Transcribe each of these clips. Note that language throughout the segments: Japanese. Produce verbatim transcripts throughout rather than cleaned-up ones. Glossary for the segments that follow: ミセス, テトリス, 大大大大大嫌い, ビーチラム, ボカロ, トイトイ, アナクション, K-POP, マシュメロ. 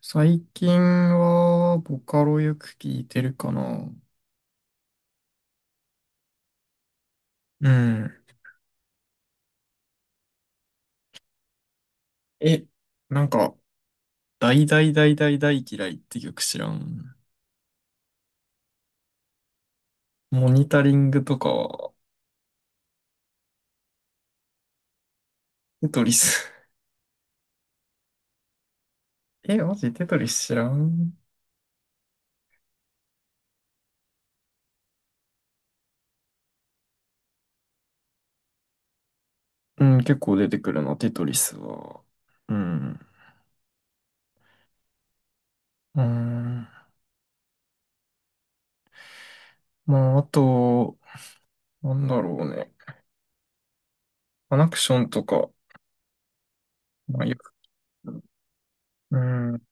最近は、ボカロよく聞いてるかな。うん。え、なんか、大大大大大嫌いって曲知らん。モニタリングとかは、テトリス。え、マジテトリス知らん。うん、結構出てくるな、テトリスは。うん。うん。まあ、あと、なんだろうね。アナクションとか、まあ、よく、うん。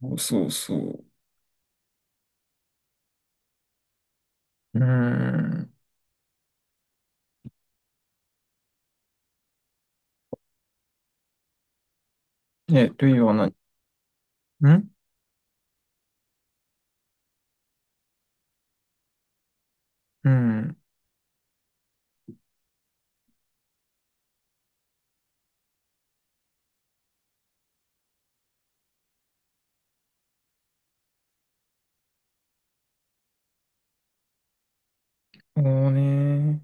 そうそうそう。うん。え、ルイは何？んうん。もうね、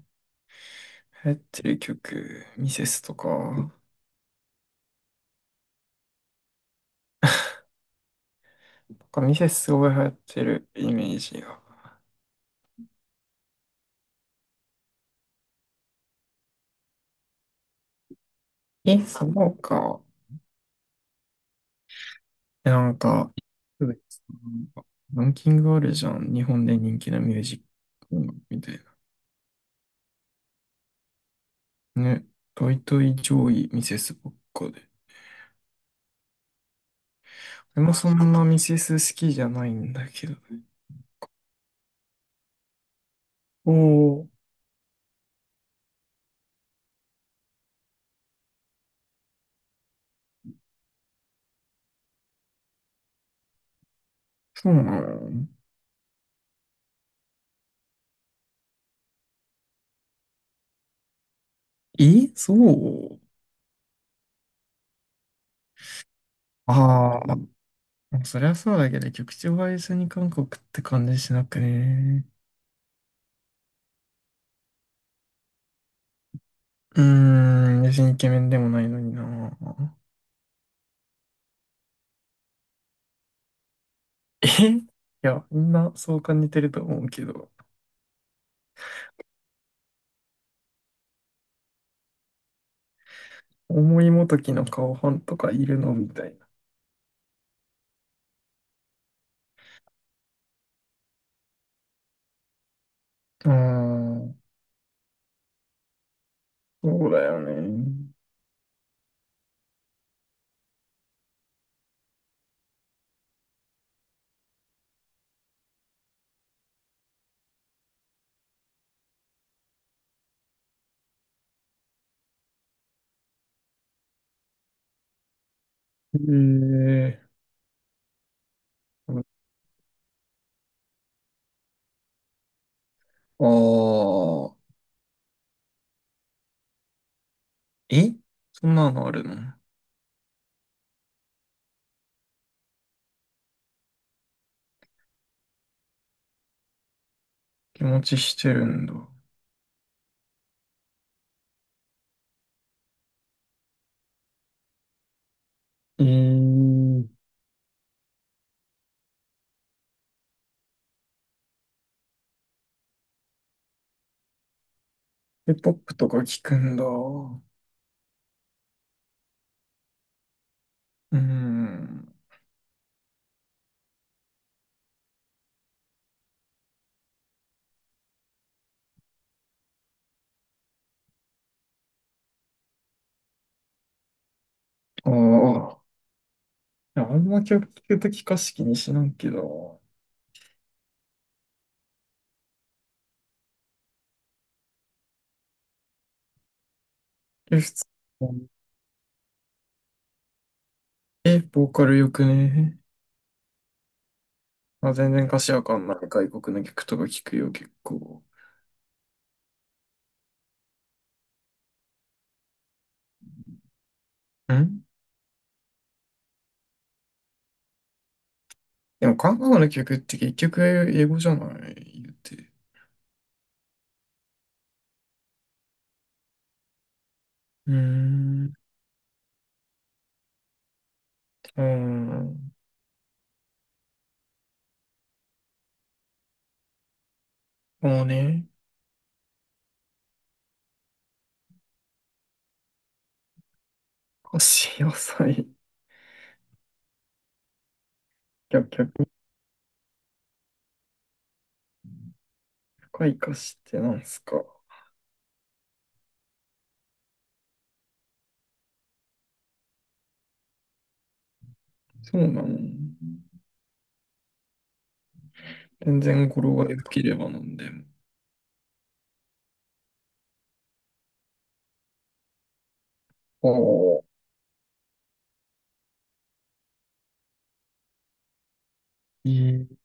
流行ってる曲、ミセスとか、なんかミセスすごい流行ってるイメージが。え、そうか。えなんか、そうです。ランキングあるじゃん。日本で人気なミュージックみたいな。ね、トイトイ上位ミセスばっかで。でもそんなミセス好きじゃないんだけどね。おお、そうなの？え、そう、ああー、そりゃそうだけど、曲調は一緒に韓国って感じしなくね？うーん、別にイケメンでもないのにな。えいや、みんなそう感じてると思うけど、思いもときの顔ファンとかいるのみたいな。うーん、そうだよね。えー、ああ、えそんなのあるの？気持ちしてるんだ。えー、K-ケーポップ とか聞くんだ。うーん、ああ、いやあんま曲聞くとき歌詞気にしないけど、え普通、え、ボーカルよくね？まあ、全然歌詞わかんない外国の曲とか聞くよ、結構。んでも韓国の曲って結局英語じゃない？言って。うーん。うーん。もうね、歌詞浅い。逆、逆に深い歌詞ってなんすか？そうなの。全然語呂が良ければなんでも。おお。え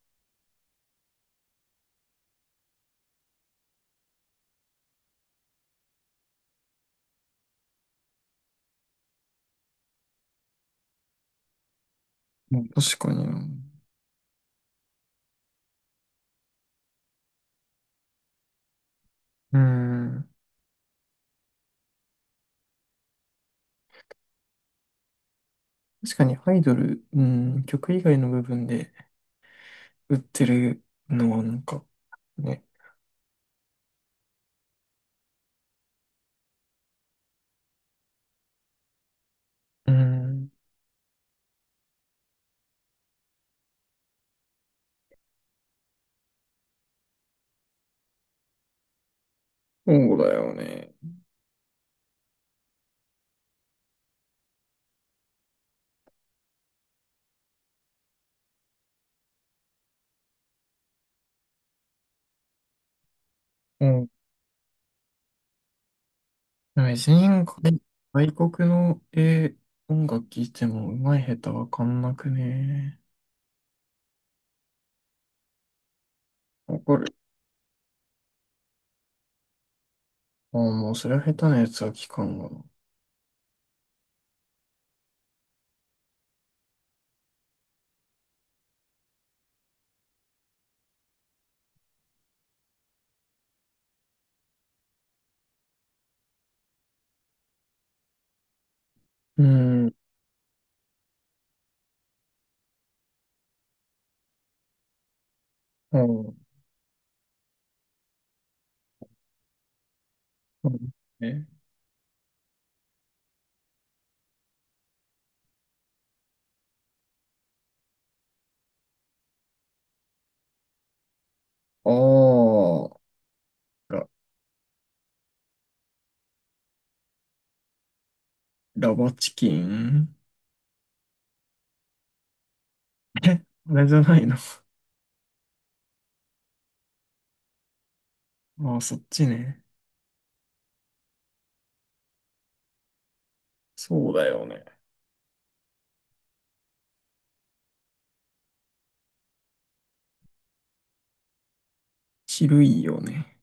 まあ確かにな。うーん。確かにアイドル、うん、曲以外の部分で売ってるのはなんか、ね。うん。そうだよね。うん。でも別になんかね、外国の、え音楽聴いても上手い下手わかんなくね？わかる。ああ、もうそれは下手なやつは聞かんわな。うん。うん。うん。え、ああ、ラ、ラバチキン。え、あれじゃないの？ああ、そっちね。そうだよね。チルいよね。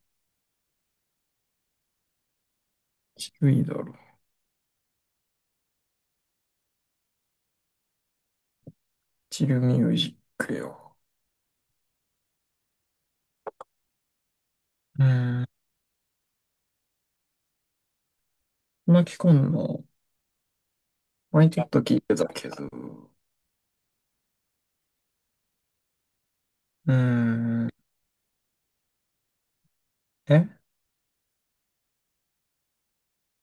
チルいだろ。チルミュージックよ。うーん、巻き込んの、前ちょっと聞いてたけど、うーん、え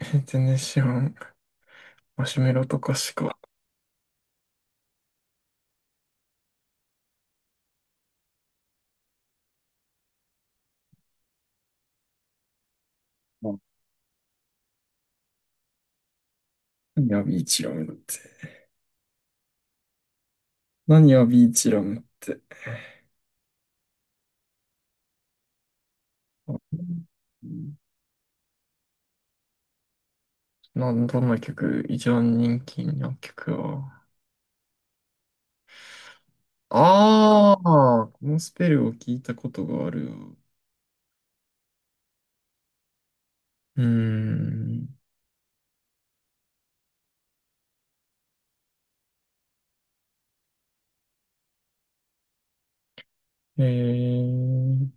全然知らん。マシュメロとかしか。あ、何やビーチラムって。何やビーチラムって。あうんなん、どんな曲、一番人気の曲は？ああ、このスペルを聞いたことがあるわ。うーん。えー